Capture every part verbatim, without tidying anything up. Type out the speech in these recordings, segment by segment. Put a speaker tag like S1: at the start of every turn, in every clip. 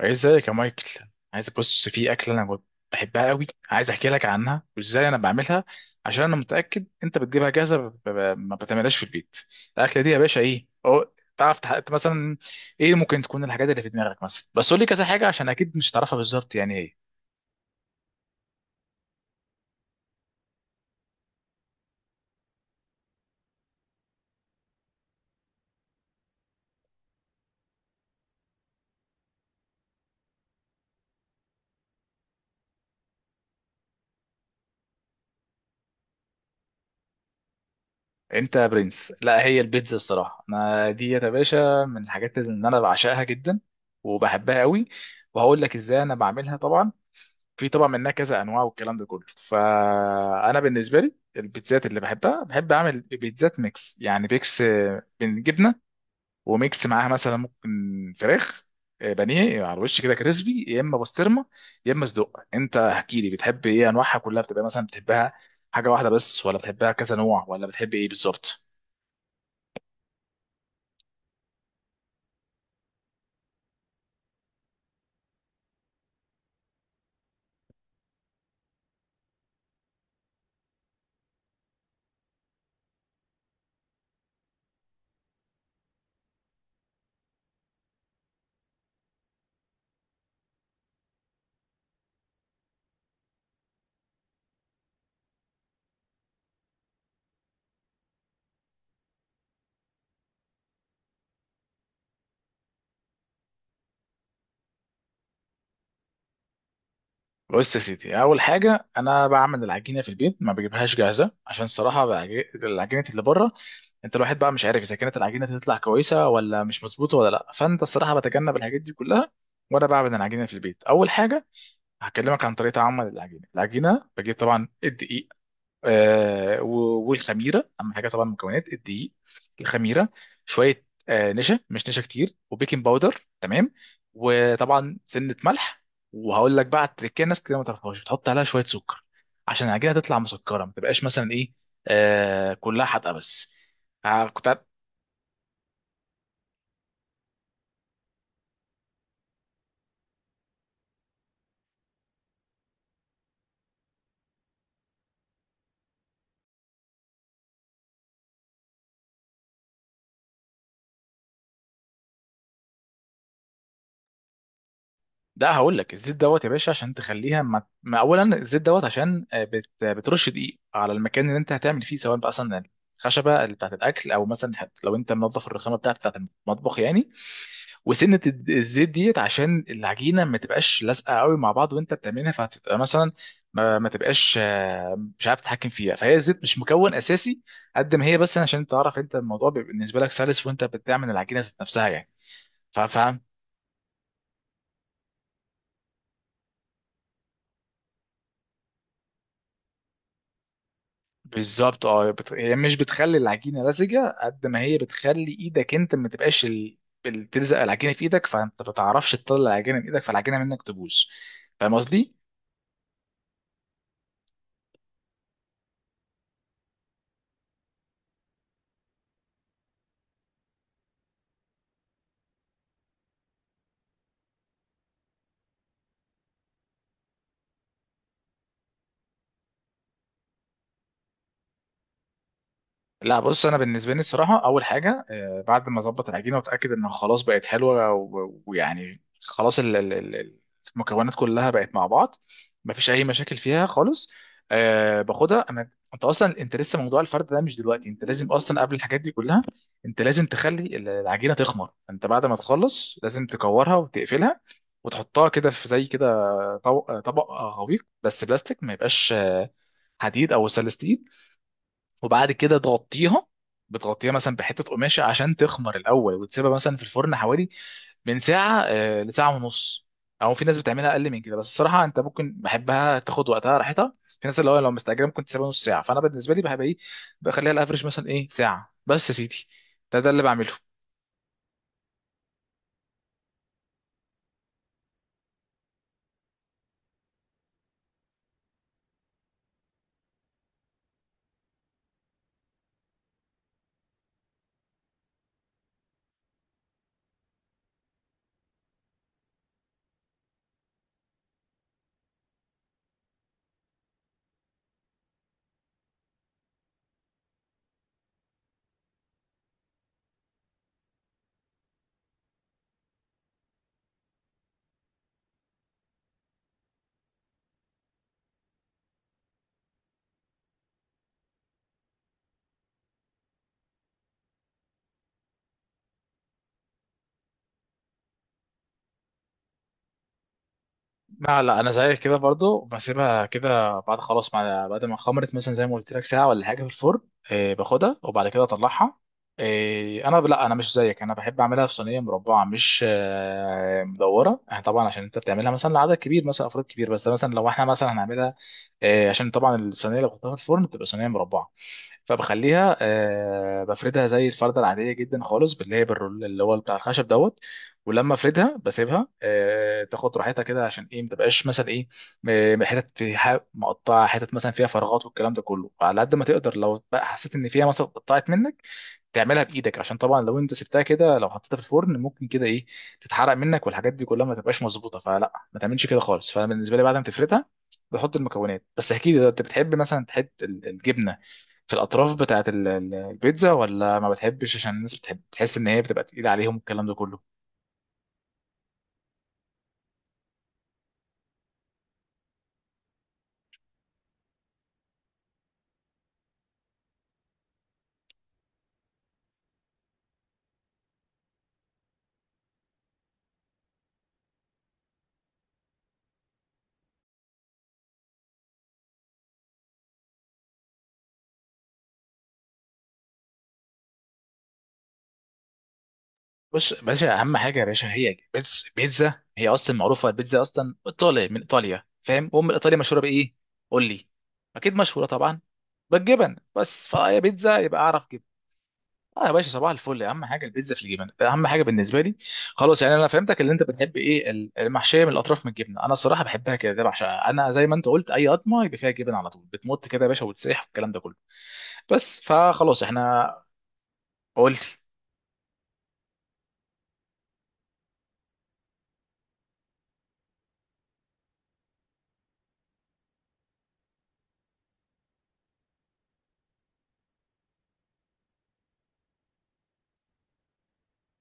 S1: إيه، ازيك يا مايكل؟ عايز بص في اكله انا كنت بحبها قوي، عايز احكي لك عنها وازاي انا بعملها، عشان انا متاكد انت بتجيبها جاهزه ب- ب- ما بتعملهاش في البيت. الاكله دي يا باشا ايه؟ أو تعرف تحقق مثلا ايه ممكن تكون الحاجات اللي في دماغك؟ مثلا بس قول لي كذا حاجه، عشان اكيد مش تعرفها بالظبط يعني ايه. انت يا برنس، لا هي البيتزا الصراحه انا دي يا باشا من الحاجات اللي انا بعشقها جدا وبحبها قوي، وهقول لك ازاي انا بعملها. طبعا في طبعا منها كذا انواع والكلام ده كله، فانا بالنسبه لي البيتزات اللي بحبها بحب اعمل بيتزات ميكس، يعني ميكس آه، من جبنه، وميكس معاها مثلا ممكن فراخ، آه، بانيه على الوش كده كريسبي، يا اما بسطرمه، يا اما صدق. انت احكي لي بتحب ايه؟ انواعها كلها بتبقى مثلا بتحبها حاجه واحده بس، ولا بتحبها كذا نوع، ولا بتحب ايه بالظبط؟ بص يا سيدي، اول حاجه انا بعمل العجينه في البيت ما بجيبهاش جاهزه، عشان الصراحه بعج- العجينه اللي بره انت الواحد بقى مش عارف اذا كانت العجينه تطلع كويسه ولا مش مظبوطه ولا لا، فانت الصراحه بتجنب الحاجات دي كلها. وانا بعمل العجينه في البيت اول حاجه. هكلمك عن طريقه عمل العجينه. العجينه بجيب طبعا الدقيق، آه، و- والخميره، اهم حاجه طبعا المكونات: الدقيق، الخميره، شويه آه، نشا مش نشا كتير، وبيكنج باودر، تمام، وطبعا سنه ملح. وهقول لك بقى على التركيه، ناس كتير ما تعرفهاش بتحط عليها شويه سكر عشان العجينه تطلع مسكره ما تبقاش مثلا ايه آه كلها حادقه بس. آه، كنت. ده هقول لك الزيت دوت يا باشا عشان تخليها ما... ما اولا الزيت دوت عشان آه، بت... بترش دقيق على المكان اللي انت هتعمل فيه، سواء بقى مثلا الخشبه اللي بتاعت الاكل، او مثلا حت- لو انت منظف الرخامه بتاعت بتاعت المطبخ يعني. وسنه الد- الزيت ديت عشان العجينه ما تبقاش لازقه قوي مع بعض وانت بتعملها، فهتبقى مثلا ما, ما تبقاش آه، مش عارف تتحكم فيها. فهي الزيت مش مكون اساسي قد ما هي، بس عشان تعرف انت الموضوع بيبقى بالنسبه لك سلس وانت بتعمل العجينه ذات نفسها. يعني بالظبط، اه بت... هي مش بتخلي العجينه لزجه قد ما هي بتخلي ايدك انت ما تبقاش ال... ال- تلزق العجينه في ايدك، فانت ما تعرفش تطلع العجينه من ايدك فالعجينه منك تبوظ. فاهم قصدي؟ لا بص، انا بالنسبه لي الصراحه اول حاجه آه، بعد ما اظبط العجينه واتاكد انها خلاص بقت حلوه و- ويعني خلاص ال- ال- ال- المكونات كلها بقت مع بعض، مفيش اي مشاكل فيها خالص. أه باخدها انا. انت اصلا انت لسه موضوع الفرد ده مش دلوقتي، انت لازم اصلا قبل الحاجات دي كلها انت لازم تخلي ال- العجينه تخمر. انت بعد ما تخلص لازم تكورها وتقفلها وتحطها كده في زي كده طو- طبق غويق بس بلاستيك، ما يبقاش آه، حديد او سلستيل. وبعد كده تغطيها، بتغطيها مثلا بحته قماشه عشان تخمر الاول، وتسيبها مثلا في الفرن حوالي من ساعه آه، لساعه ونص، او في ناس بتعملها اقل من كده. بس الصراحه انت ممكن بحبها تاخد وقتها راحتها. في ناس اللي هو لو مستعجله ممكن تسيبها نص ساعه. فانا بالنسبه لي بحب ايه، بخليها الافرج مثلا ايه ساعه بس يا سيدي. ده ده اللي بعمله. لا لا، انا زيك كده برضو بسيبها كده بعد خلاص مع بعد ما خمرت مثلا زي ما قلت لك ساعه ولا حاجه في الفرن. إيه باخدها وبعد كده اطلعها. إيه، انا لا انا مش زيك، انا بحب اعملها في صينيه مربعه مش آه، مدوره. يعني طبعا عشان انت بتعملها مثلا لعدد كبير مثلا افراد كبير، بس مثلا لو احنا مثلا هنعملها إيه، عشان طبعا الصينيه اللي بحطها في الفرن بتبقى صينيه مربعه، فبخليها آه، بفردها زي الفردة العادية جدا خالص باللي هي بالرول اللي هو بتاع الخشب دوت. ولما افردها بسيبها آه، تاخد راحتها كده عشان ايه ما تبقاش مثلا ايه م- حتت في ح- مقطعة حتت مثلا فيها فراغات والكلام ده كله، على قد ما تقدر. لو بقى حسيت ان فيها مثلا اتقطعت منك تعملها بايدك، عشان طبعا لو انت سبتها كده لو حطيتها في الفرن ممكن كده ايه تتحرق منك، والحاجات دي كلها ما تبقاش مظبوطه، فلا ما تعملش كده خالص. فانا بالنسبه لي بعد ما تفردها بحط المكونات. بس احكي لي لو انت بتحب مثلا تحط ال- الجبنه في الاطراف بتاعت ال- ال- البيتزا، ولا ما بتحبش عشان الناس بتحب تحس ان هي بتبقى تقيله عليهم الكلام ده كله. بص يا باشا، اهم حاجه يا باشا هي بيتز- بيتزا. هي اصلا معروفه البيتزا اصلا ايطالي من ايطاليا، فاهم؟ وام ايطاليا مشهوره بايه؟ قول لي. اكيد مشهوره طبعا. بالجبن، بس فهي بيتزا يبقى اعرف. اه يا باشا صباح الفل، اهم حاجه البيتزا في الجبن، اهم حاجه بالنسبه لي. خلاص يعني انا فهمتك. اللي انت بتحب ايه ال- المحشيه من الاطراف من الجبنه، انا الصراحه بحبها كده، ده بعشقها انا. زي ما انت قلت اي قطمه يبقى فيها جبن على طول بتمط كده يا باشا وتسيح والكلام ده كله، بس فخلاص احنا. قول لي.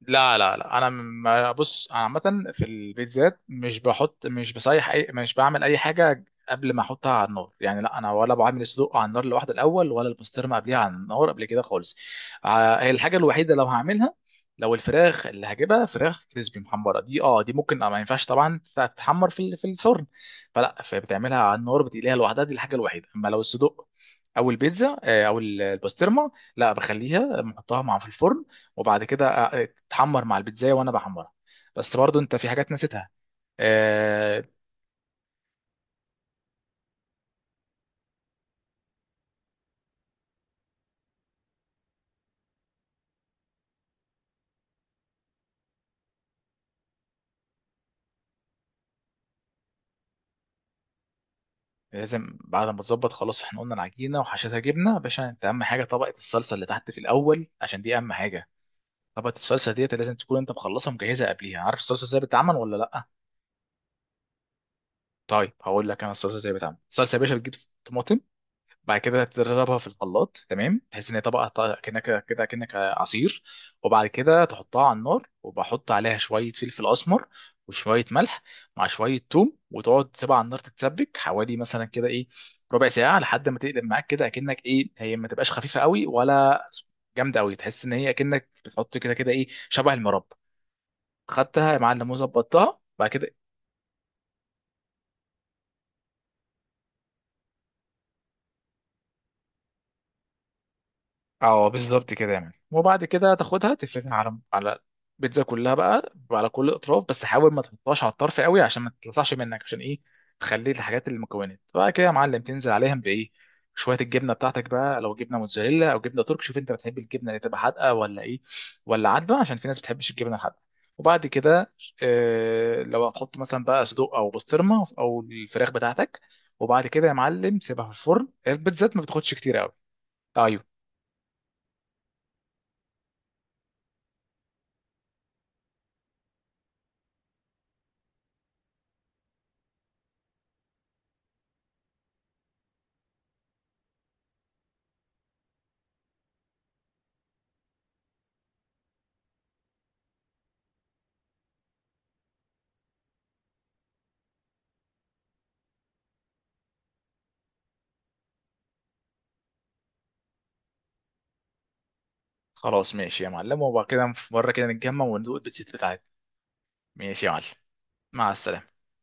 S1: لا لا لا، انا ما بص انا عامه في البيتزات مش بحط مش بصيح اي مش بعمل اي حاجه قبل ما احطها على النار، يعني لا انا ولا بعمل الصدوق على النار لوحده الاول، ولا البسطرمه قبليها على النار قبل كده خالص. آه، هي الحاجه الوحيده لو هعملها، لو الفراخ اللي هجيبها فراخ كريسبي محمره دي، اه دي ممكن آه، ما ينفعش طبعا تتحمر في ال- في الفرن، فلا فبتعملها على النار بتقليها لوحدها، دي الحاجه الوحيده. اما لو الصدوق او البيتزا آه، او البسطرمه لا بخليها بحطها مع في الفرن، وبعد كده آه، تتحمر مع البيتزاية وانا بحمرها. بس برضو انت في حاجات نسيتها. آه. لازم بعد ما تظبط خلاص، احنا قلنا العجينه وحشتها جبنه يا باشا. انت اهم حاجه طبقه الصلصه اللي تحت في الاول عشان دي اهم حاجه. طبقه الصلصه ديت لازم تكون انت مخلصها مجهزها قبليها. عارف الصلصه ازاي بتتعمل ولا لا؟ طيب هقول لك انا الصلصه ازاي بتتعمل. الصلصه يا باشا بتجيب طماطم، بعد كده تضربها في الخلاط، تمام، تحس ان هي طبقه طبقة كأنك كده كأنك عصير، وبعد كده تحطها على النار وبحط عليها شويه فلفل اسمر وشويه ملح مع شويه ثوم، وتقعد تسيبها على النار تتسبك حوالي مثلا كده ايه ربع ساعه، لحد ما تقلب معاك كده اكنك ايه هي ما تبقاش خفيفه قوي ولا جامده قوي، تحس ان هي اكنك بتحط كده كده ايه شبه المربى. خدتها يا معلم وظبطتها بعد كده. اه بالظبط كده يعني. وبعد كده تاخدها تفردها على على البيتزا كلها بقى على كل اطراف، بس حاول ما تحطهاش على الطرف قوي عشان ما تلصعش منك، عشان ايه تخلي الحاجات المكونات بقى كده يا معلم تنزل عليهم بايه، شويه الجبنه بتاعتك بقى، لو جبنه موتزاريلا او جبنه ترك، شوف انت بتحب الجبنه اللي تبقى حادقه ولا ايه ولا عادبه، عشان في ناس ما بتحبش الجبنه الحادقه. وبعد كده آه لو هتحط مثلا بقى صدوق او بسطرمه او الفراخ بتاعتك، وبعد كده يا معلم سيبها في الفرن، البيتزات ما بتاخدش كتير قوي. ايوه. خلاص ماشي يا معلم، وبعد كده في مرة كده نتجمع وندوق البيتزا بتاعتنا. ماشي يا معلم. مع السلامة.